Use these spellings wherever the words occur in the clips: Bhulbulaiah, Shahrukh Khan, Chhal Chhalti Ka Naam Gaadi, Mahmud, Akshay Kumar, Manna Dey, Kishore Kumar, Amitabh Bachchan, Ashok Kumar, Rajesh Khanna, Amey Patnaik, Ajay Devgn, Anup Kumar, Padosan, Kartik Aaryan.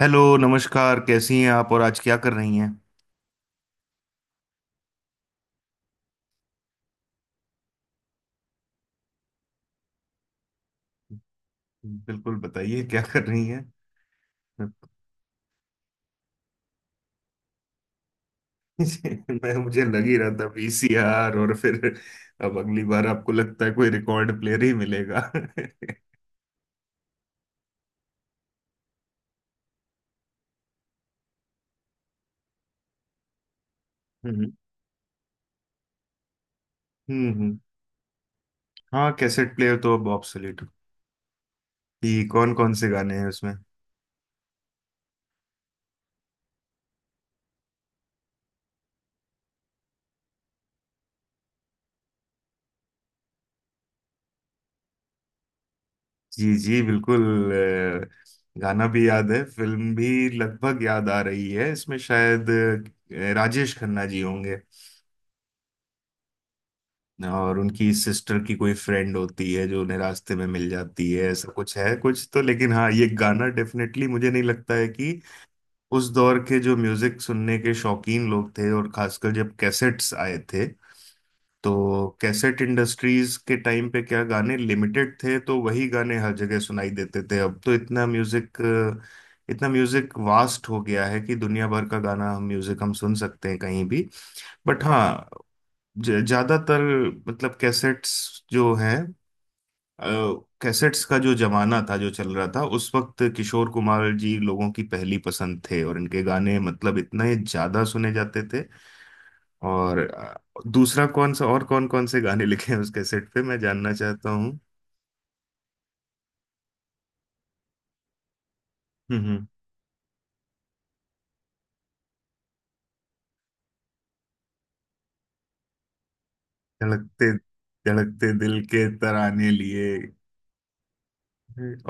Hello, नमस्कार। कैसी हैं आप और आज क्या कर रही हैं। बिल्कुल, बताइए क्या कर रही हैं। मैं, मुझे लग ही रहा था वीसीआर, और फिर अब अगली बार आपको लगता है कोई रिकॉर्ड प्लेयर ही मिलेगा। हम्म, हाँ, कैसेट प्लेयर तो अब ऑब्सोलीट। कि कौन कौन से गाने हैं उसमें। जी जी बिल्कुल। गाना भी याद है, फिल्म भी लगभग याद आ रही है। इसमें शायद राजेश खन्ना जी होंगे, और उनकी सिस्टर की कोई फ्रेंड होती है जो उन्हें रास्ते में मिल जाती है, ऐसा कुछ है कुछ। तो लेकिन हाँ, ये गाना डेफिनेटली मुझे नहीं लगता है कि उस दौर के जो म्यूजिक सुनने के शौकीन लोग थे, और खासकर जब कैसेट्स आए थे, तो कैसेट इंडस्ट्रीज के टाइम पे क्या गाने लिमिटेड थे, तो वही गाने हर जगह सुनाई देते थे। अब तो इतना म्यूजिक, इतना म्यूजिक वास्ट हो गया है कि दुनिया भर का गाना हम, म्यूजिक हम सुन सकते हैं कहीं भी। बट हाँ, ज्यादातर मतलब कैसेट्स जो है, कैसेट्स का जो जमाना था, जो चल रहा था उस वक्त, किशोर कुमार जी लोगों की पहली पसंद थे, और इनके गाने मतलब इतने ज्यादा सुने जाते थे। और दूसरा कौन सा, और कौन कौन से गाने लिखे हैं उस कैसेट पे, मैं जानना चाहता हूँ। हम्म। धड़कते धड़कते दिल के तराने लिए।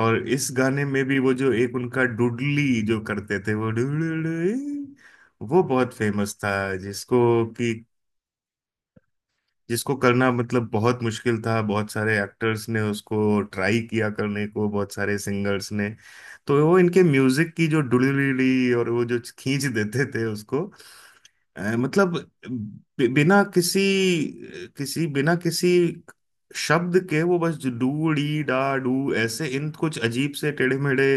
और इस गाने में भी वो जो एक उनका डुडली जो करते थे, वो डुडली वो बहुत फेमस था, जिसको कि जिसको करना मतलब बहुत मुश्किल था। बहुत सारे एक्टर्स ने उसको ट्राई किया करने को, बहुत सारे सिंगर्स ने। तो वो इनके म्यूजिक की जो डुडली, और वो जो खींच देते थे उसको मतलब बिना किसी किसी बिना किसी शब्द के, वो बस डू डी डा डू, ऐसे इन कुछ अजीब से टेढ़े मेढ़े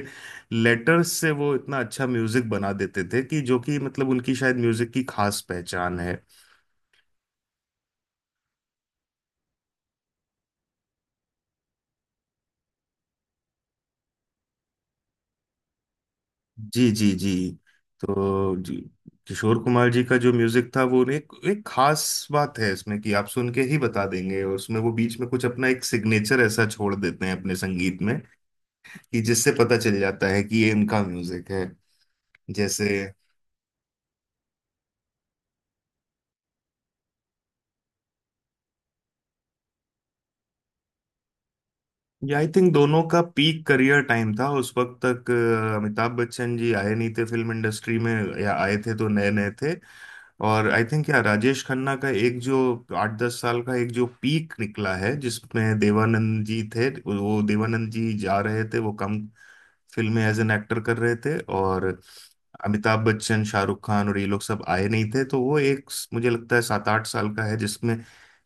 लेटर्स से वो इतना अच्छा म्यूजिक बना देते थे कि जो कि मतलब उनकी शायद म्यूजिक की खास पहचान है। जी जी जी। तो जी किशोर कुमार जी का जो म्यूजिक था, वो एक एक खास बात है इसमें कि आप सुन के ही बता देंगे, और उसमें वो बीच में कुछ अपना एक सिग्नेचर ऐसा छोड़ देते हैं अपने संगीत में कि जिससे पता चल जाता है कि ये इनका म्यूजिक है। जैसे, ये आई थिंक दोनों का पीक करियर टाइम था उस वक्त तक। अमिताभ बच्चन जी आए नहीं थे फिल्म इंडस्ट्री में, या आए थे तो नए नए थे। और आई थिंक यार राजेश खन्ना का एक जो 8-10 साल का एक जो पीक निकला है, जिसमें देवानंद जी थे, वो देवानंद जी जा रहे थे, वो कम फिल्में एज एन एक्टर कर रहे थे, और अमिताभ बच्चन, शाहरुख खान और ये लोग सब आए नहीं थे। तो वो एक मुझे लगता है 7-8 साल का है जिसमें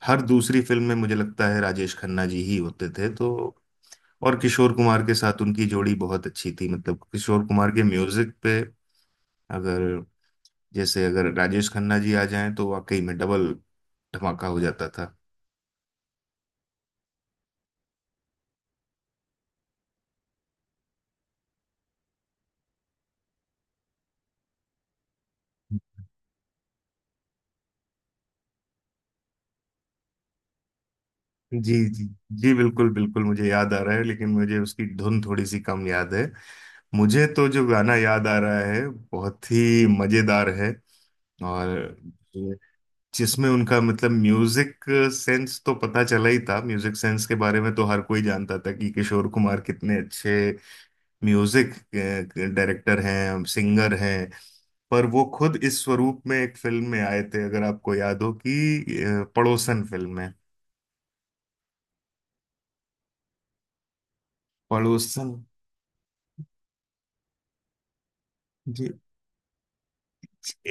हर दूसरी फिल्म में मुझे लगता है राजेश खन्ना जी ही होते थे। तो और किशोर कुमार के साथ उनकी जोड़ी बहुत अच्छी थी, मतलब किशोर कुमार के म्यूजिक पे अगर, जैसे अगर राजेश खन्ना जी आ जाएं तो वाकई में डबल धमाका हो जाता था। जी जी जी बिल्कुल बिल्कुल, मुझे याद आ रहा है, लेकिन मुझे उसकी धुन थोड़ी सी कम याद है। मुझे तो जो गाना याद आ रहा है, बहुत ही मजेदार है, और जिसमें उनका मतलब म्यूजिक सेंस तो पता चला ही था। म्यूजिक सेंस के बारे में तो हर कोई जानता था कि किशोर कुमार कितने अच्छे म्यूजिक डायरेक्टर हैं, सिंगर हैं। पर वो खुद इस स्वरूप में एक फिल्म में आए थे, अगर आपको याद हो कि पड़ोसन फिल्म है, पड़ोसन। जी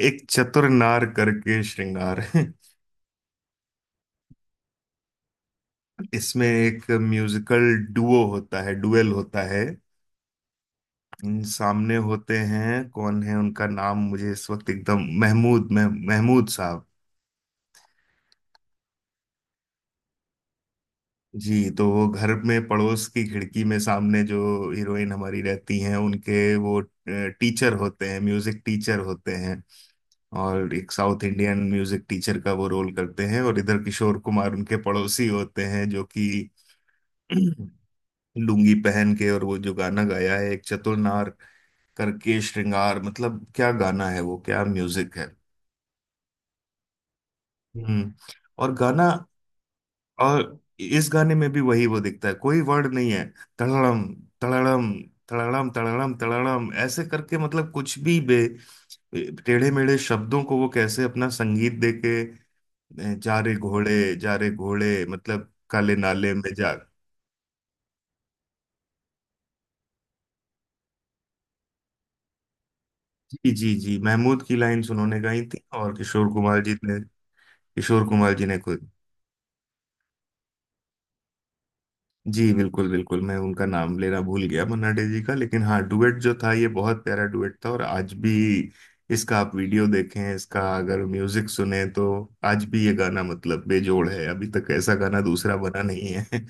एक चतुर नार करके श्रृंगार है। इसमें एक म्यूजिकल डुओ होता है, डुएल होता है। इन सामने होते हैं, कौन है उनका नाम मुझे इस वक्त एकदम, महमूद महमूद साहब। जी तो वो घर में पड़ोस की खिड़की में सामने जो हीरोइन हमारी रहती हैं, उनके वो टीचर होते हैं, म्यूजिक टीचर होते हैं, और एक साउथ इंडियन म्यूजिक टीचर का वो रोल करते हैं, और इधर किशोर कुमार उनके पड़ोसी होते हैं जो कि लुंगी पहन के, और वो जो गाना गाया है, एक चतुर नार करके श्रृंगार, मतलब क्या गाना है वो, क्या म्यूजिक है। हम्म। और गाना, और इस गाने में भी वही वो दिखता है, कोई वर्ड नहीं है, तड़ड़म तड़ड़म तड़ड़म तड़ड़म तड़ड़म, ऐसे करके मतलब कुछ भी बे टेढ़े मेढ़े शब्दों को वो कैसे अपना संगीत देके, जा रे घोड़े जा रे घोड़े, मतलब काले नाले में जा। जी जी जी महमूद की लाइन्स उन्होंने गाई थी, और किशोर कुमार जी ने, किशोर कुमार जी ने खुद। जी बिल्कुल बिल्कुल, मैं उनका नाम लेना भूल गया, मन्ना डे जी का। लेकिन हाँ डुएट जो था, ये बहुत प्यारा डुएट था, और आज भी इसका आप वीडियो देखें, इसका अगर म्यूजिक सुने, तो आज भी ये गाना मतलब बेजोड़ है, अभी तक ऐसा गाना दूसरा बना नहीं है।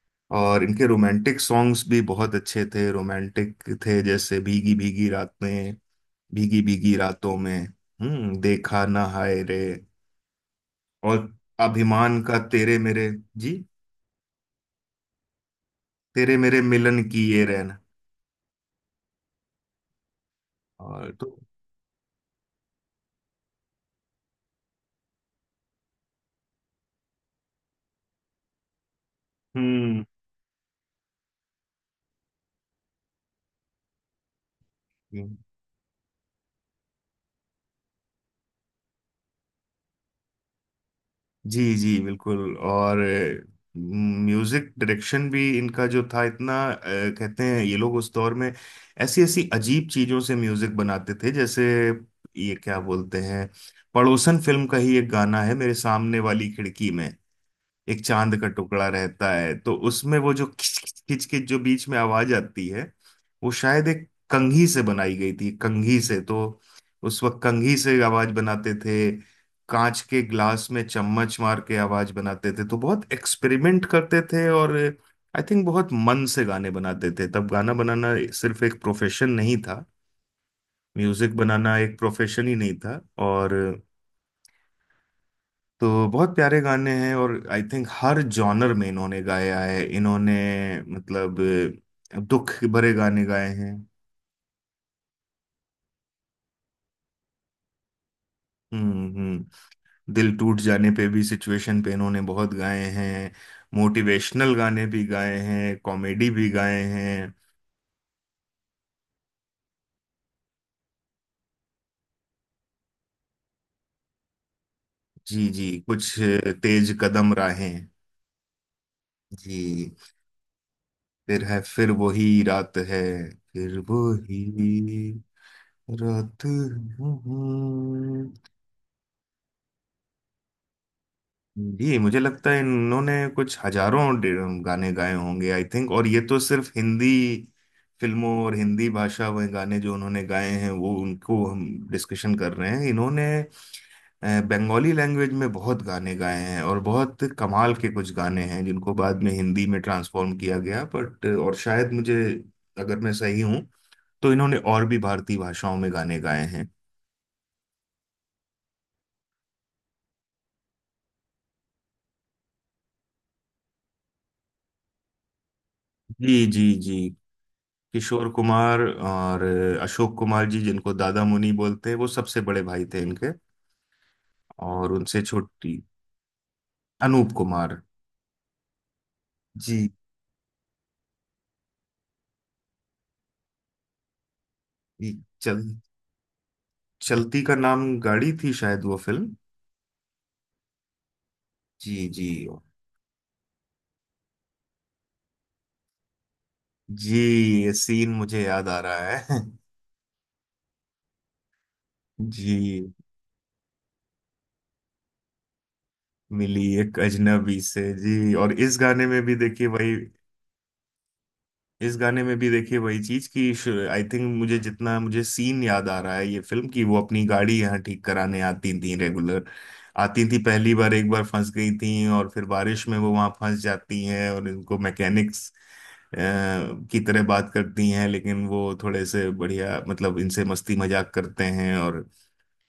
और इनके रोमांटिक सॉन्ग्स भी बहुत अच्छे थे, रोमांटिक थे, जैसे भीगी भीगी रात में, भीगी भीगी रातों में। हम्म, देखा ना हाय रे। और अभिमान का, तेरे मेरे। जी तेरे मेरे मिलन की ये रैन। और तो हम्म। जी जी बिल्कुल। और म्यूजिक डायरेक्शन भी इनका जो था इतना कहते हैं ये लोग उस दौर में ऐसी ऐसी अजीब चीजों से म्यूजिक बनाते थे, जैसे ये क्या बोलते हैं, पड़ोसन फिल्म का ही एक गाना है, मेरे सामने वाली खिड़की में एक चांद का टुकड़ा रहता है। तो उसमें वो जो खिच खिच खिच खिच जो बीच में आवाज आती है, वो शायद एक कंघी से बनाई गई थी, कंघी से। तो उस वक्त कंघी से आवाज बनाते थे, कांच के ग्लास में चम्मच मार के आवाज बनाते थे, तो बहुत एक्सपेरिमेंट करते थे। और आई थिंक बहुत मन से गाने बनाते थे, तब गाना बनाना सिर्फ एक प्रोफेशन नहीं था, म्यूजिक बनाना एक प्रोफेशन ही नहीं था। और तो बहुत प्यारे गाने हैं, और आई थिंक हर जॉनर में इन्होंने गाया है। इन्होंने मतलब दुख भरे गाने गाए हैं। हम्म। दिल टूट जाने पे भी, सिचुएशन पे इन्होंने बहुत गाए हैं, मोटिवेशनल गाने भी गाए हैं, कॉमेडी भी गाए हैं। जी जी कुछ तेज कदम राहें। जी फिर है फिर वही रात है, फिर वही रात है। जी मुझे लगता है इन्होंने कुछ हजारों गाने गाए होंगे आई थिंक, और ये तो सिर्फ हिंदी फिल्मों और हिंदी भाषा में गाने जो उन्होंने गाए हैं वो उनको हम डिस्कशन कर रहे हैं। इन्होंने बंगाली लैंग्वेज में बहुत गाने गाए हैं, और बहुत कमाल के कुछ गाने हैं जिनको बाद में हिंदी में ट्रांसफॉर्म किया गया, बट। और शायद मुझे, अगर मैं सही हूँ, तो इन्होंने और भी भारतीय भाषाओं में गाने गाए हैं। जी जी जी। किशोर कुमार, और अशोक कुमार जी, जिनको दादा मुनि बोलते हैं, वो सबसे बड़े भाई थे इनके। और उनसे छोटी, अनूप कुमार। जी जी, चल चलती का नाम गाड़ी थी शायद वो फिल्म। जी जी जी, ये सीन मुझे याद आ रहा है। जी, मिली एक अजनबी से। जी और इस गाने में भी देखिए वही, इस गाने में भी देखिए वही चीज कि आई थिंक, मुझे जितना मुझे सीन याद आ रहा है ये फिल्म की, वो अपनी गाड़ी यहाँ ठीक कराने आती थी, रेगुलर आती थी, पहली बार एक बार फंस गई थी, और फिर बारिश में वो वहां फंस जाती हैं, और इनको मैकेनिक्स की तरह बात करती हैं, लेकिन वो थोड़े से बढ़िया मतलब इनसे मस्ती मजाक करते हैं, और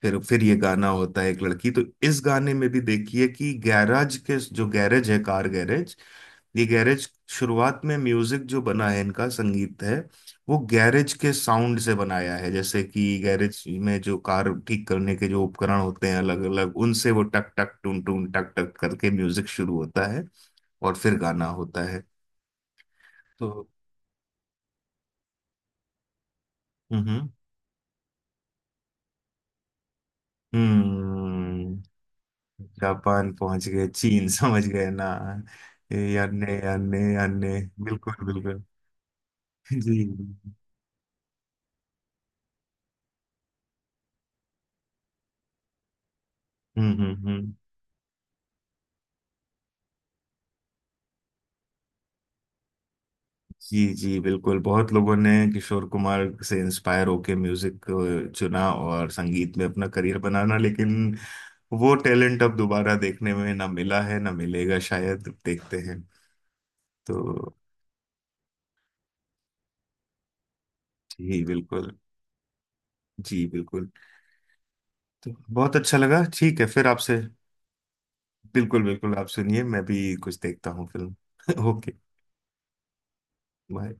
फिर ये गाना होता है एक लड़की। तो इस गाने में भी देखिए कि गैराज के, जो गैरेज है, कार गैरेज, ये गैरेज शुरुआत में म्यूजिक जो बना है इनका संगीत है, वो गैरेज के साउंड से बनाया है। जैसे कि गैरेज में जो कार ठीक करने के जो उपकरण होते हैं अलग अलग, उनसे वो टक टक टून टून टक टक करके म्यूजिक शुरू होता है, और फिर गाना होता है। तो हम्म हम्म। जापान पहुंच गए चीन समझ गए ना। ये अन्य अन्य अन्य, बिल्कुल बिल्कुल। जी हम्म। जी जी बिल्कुल, बहुत लोगों ने किशोर कुमार से इंस्पायर होके म्यूजिक चुना और संगीत में अपना करियर बनाना, लेकिन वो टैलेंट अब दोबारा देखने में ना मिला है ना मिलेगा, शायद देखते हैं। तो जी बिल्कुल। जी बिल्कुल। तो बहुत अच्छा लगा, ठीक है फिर आपसे। बिल्कुल बिल्कुल आप सुनिए, मैं भी कुछ देखता हूँ फिल्म। Okay, bye.